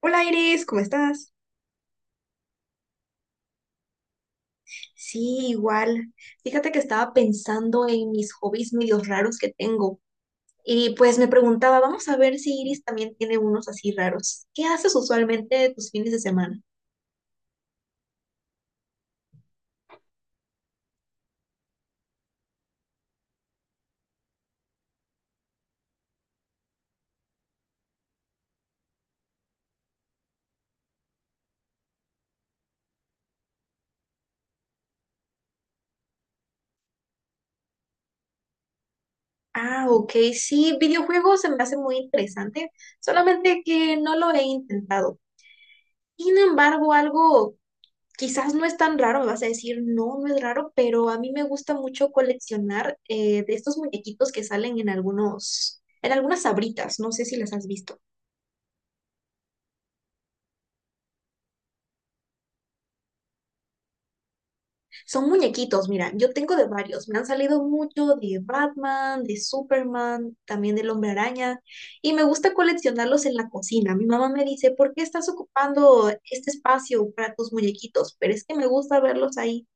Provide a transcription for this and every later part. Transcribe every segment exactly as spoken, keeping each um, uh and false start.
Hola Iris, ¿cómo estás? Sí, igual. Fíjate que estaba pensando en mis hobbies medios raros que tengo y pues me preguntaba, vamos a ver si Iris también tiene unos así raros. ¿Qué haces usualmente tus fines de semana? Ah, ok, sí, videojuegos se me hace muy interesante, solamente que no lo he intentado. Sin embargo, algo. Quizás no es tan raro, me vas a decir, no, no es raro, pero a mí me gusta mucho coleccionar eh, de estos muñequitos que salen en algunos, en algunas abritas, no sé si las has visto. Son muñequitos, mira, yo tengo de varios, me han salido mucho de Batman, de Superman, también del Hombre Araña, y me gusta coleccionarlos en la cocina. Mi mamá me dice, ¿por qué estás ocupando este espacio para tus muñequitos? Pero es que me gusta verlos ahí.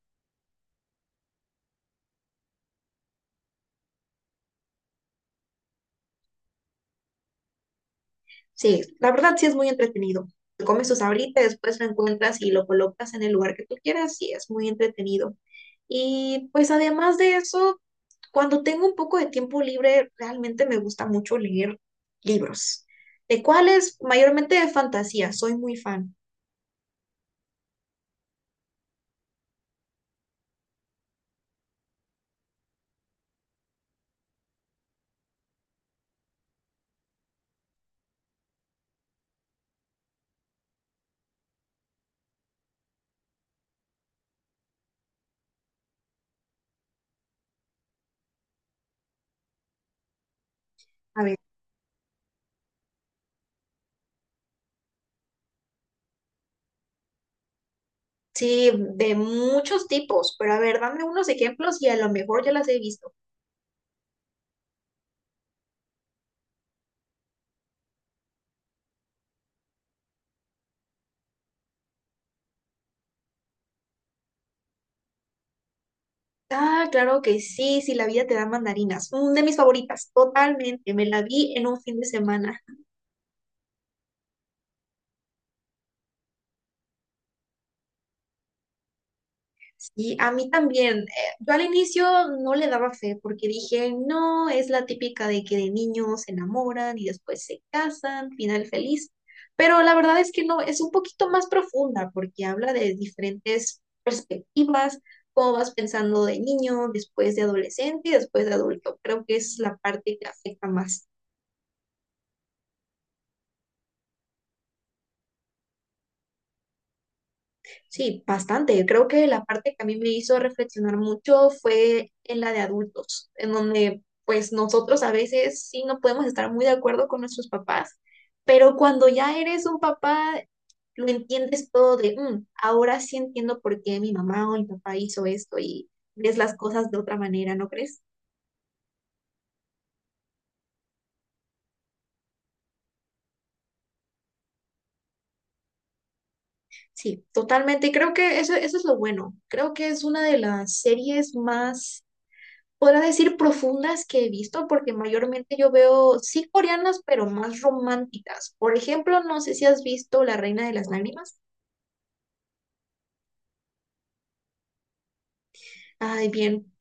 Sí, la verdad sí es muy entretenido. Te comes tus ahorita, después lo encuentras y lo colocas en el lugar que tú quieras y es muy entretenido. Y pues además de eso, cuando tengo un poco de tiempo libre, realmente me gusta mucho leer libros, de cuáles mayormente de fantasía, soy muy fan. A ver, sí, de muchos tipos, pero a ver, dame unos ejemplos y a lo mejor ya las he visto. Ah, claro que sí, si la vida te da mandarinas. Mm, de mis favoritas, totalmente. Me la vi en un fin de semana. Y a mí también. Eh, Yo al inicio no le daba fe porque dije, no, es la típica de que de niños se enamoran y después se casan, final feliz. Pero la verdad es que no, es un poquito más profunda porque habla de diferentes perspectivas, cómo vas pensando de niño, después de adolescente y después de adulto. Creo que es la parte que afecta más. Sí, bastante. Creo que la parte que a mí me hizo reflexionar mucho fue en la de adultos, en donde pues nosotros a veces sí no podemos estar muy de acuerdo con nuestros papás, pero cuando ya eres un papá, lo entiendes todo de, "Mm, ahora sí entiendo por qué mi mamá o mi papá hizo esto" y ves las cosas de otra manera, ¿no crees? Sí, totalmente. Y creo que eso, eso es lo bueno. Creo que es una de las series más, podría decir, profundas que he visto, porque mayormente yo veo, sí, coreanas, pero más románticas. Por ejemplo, no sé si has visto La Reina de las Lágrimas. Ay, bien,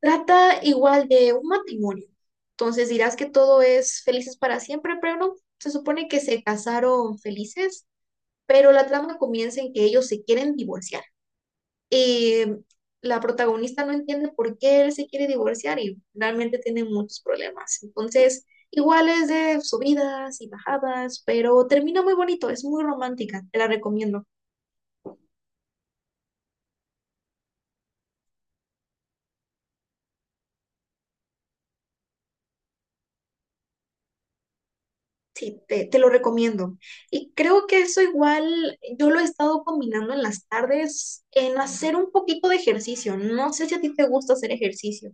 trata igual de un matrimonio. Entonces dirás que todo es felices para siempre, pero no, se supone que se casaron felices, pero la trama comienza en que ellos se quieren divorciar. Y la protagonista no entiende por qué él se quiere divorciar y realmente tiene muchos problemas. Entonces, igual es de subidas y bajadas, pero termina muy bonito, es muy romántica, te la recomiendo. Sí, te, te lo recomiendo. Y creo que eso igual yo lo he estado combinando en las tardes en hacer un poquito de ejercicio. No sé si a ti te gusta hacer ejercicio.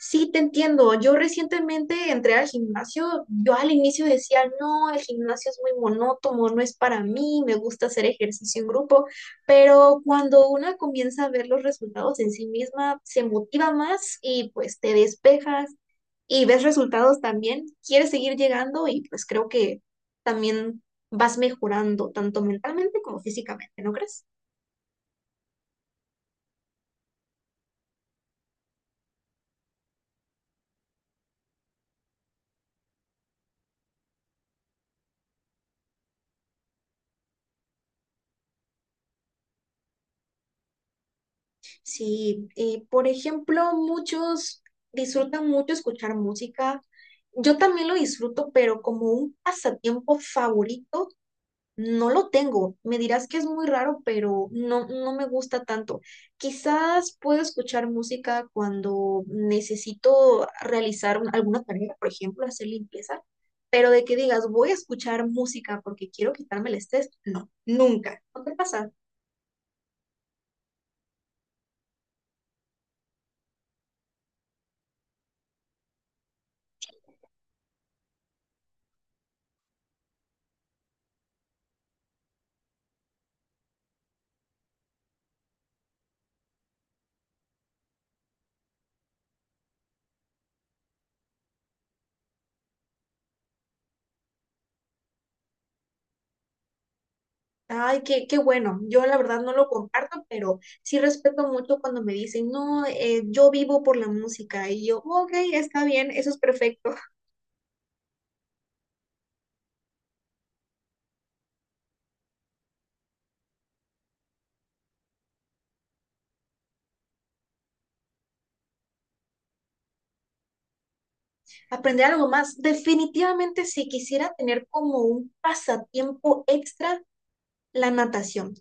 Sí, te entiendo. Yo recientemente entré al gimnasio. Yo al inicio decía, no, el gimnasio es muy monótono, no es para mí, me gusta hacer ejercicio en grupo, pero cuando una comienza a ver los resultados en sí misma, se motiva más y pues te despejas y ves resultados también, quieres seguir llegando y pues creo que también vas mejorando tanto mentalmente como físicamente, ¿no crees? Sí, eh, por ejemplo, muchos disfrutan mucho escuchar música. Yo también lo disfruto, pero como un pasatiempo favorito, no lo tengo. Me dirás que es muy raro, pero no, no me gusta tanto. Quizás puedo escuchar música cuando necesito realizar un- alguna tarea, por ejemplo, hacer limpieza, pero de que digas, voy a escuchar música porque quiero quitarme el estrés, no, nunca. ¿No te pasa? Ay, qué, qué bueno. Yo la verdad no lo comparto, pero sí respeto mucho cuando me dicen, no, eh, yo vivo por la música. Y yo, ok, está bien, eso es perfecto. Aprender algo más. Definitivamente, si quisiera tener como un pasatiempo extra, la natación.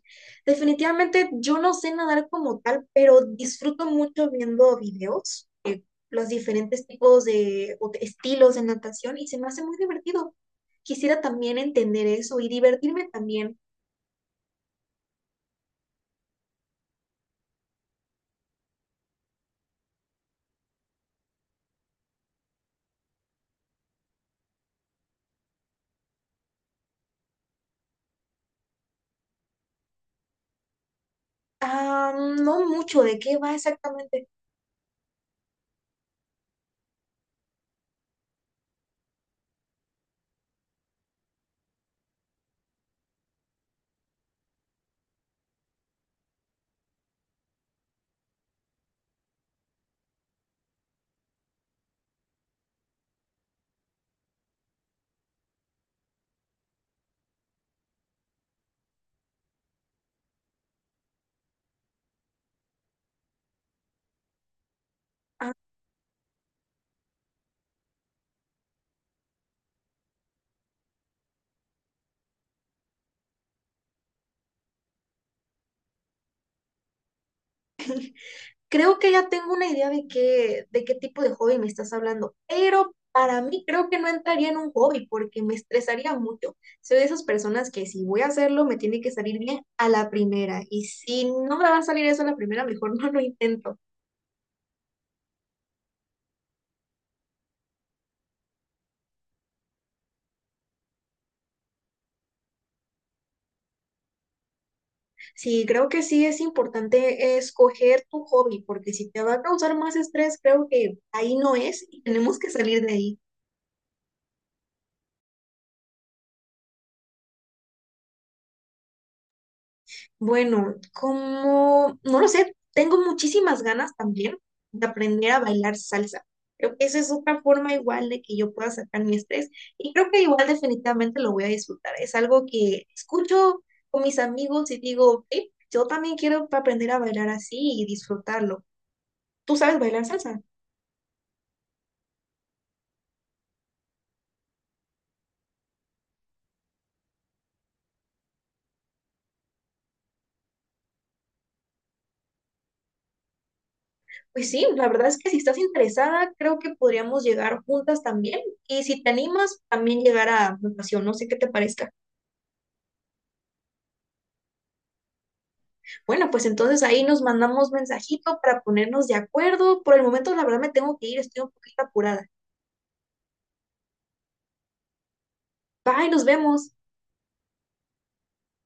Definitivamente, yo no sé nadar como tal, pero disfruto mucho viendo videos, eh, los diferentes tipos de o de estilos de natación y se me hace muy divertido. Quisiera también entender eso y divertirme también. Ah, no mucho, ¿de qué va exactamente? Ah, creo que ya tengo una idea de qué, de qué tipo de hobby me estás hablando, pero para mí creo que no entraría en un hobby porque me estresaría mucho. Soy de esas personas que si voy a hacerlo me tiene que salir bien a la primera y si no me va a salir eso a la primera, mejor no lo intento. Sí, creo que sí es importante escoger tu hobby porque si te va a causar más estrés, creo que ahí no es y tenemos que salir de ahí. Bueno, como, no lo sé, tengo muchísimas ganas también de aprender a bailar salsa. Creo que esa es otra forma igual de que yo pueda sacar mi estrés y creo que igual definitivamente lo voy a disfrutar. Es algo que escucho con mis amigos y digo, "Ey, yo también quiero aprender a bailar así y disfrutarlo". ¿Tú sabes bailar salsa? Pues sí, la verdad es que si estás interesada, creo que podríamos llegar juntas también y si te animas, también llegar a natación. No sé qué te parezca. Bueno, pues entonces ahí nos mandamos mensajito para ponernos de acuerdo. Por el momento, la verdad, me tengo que ir, estoy un poquito apurada. Bye, nos vemos.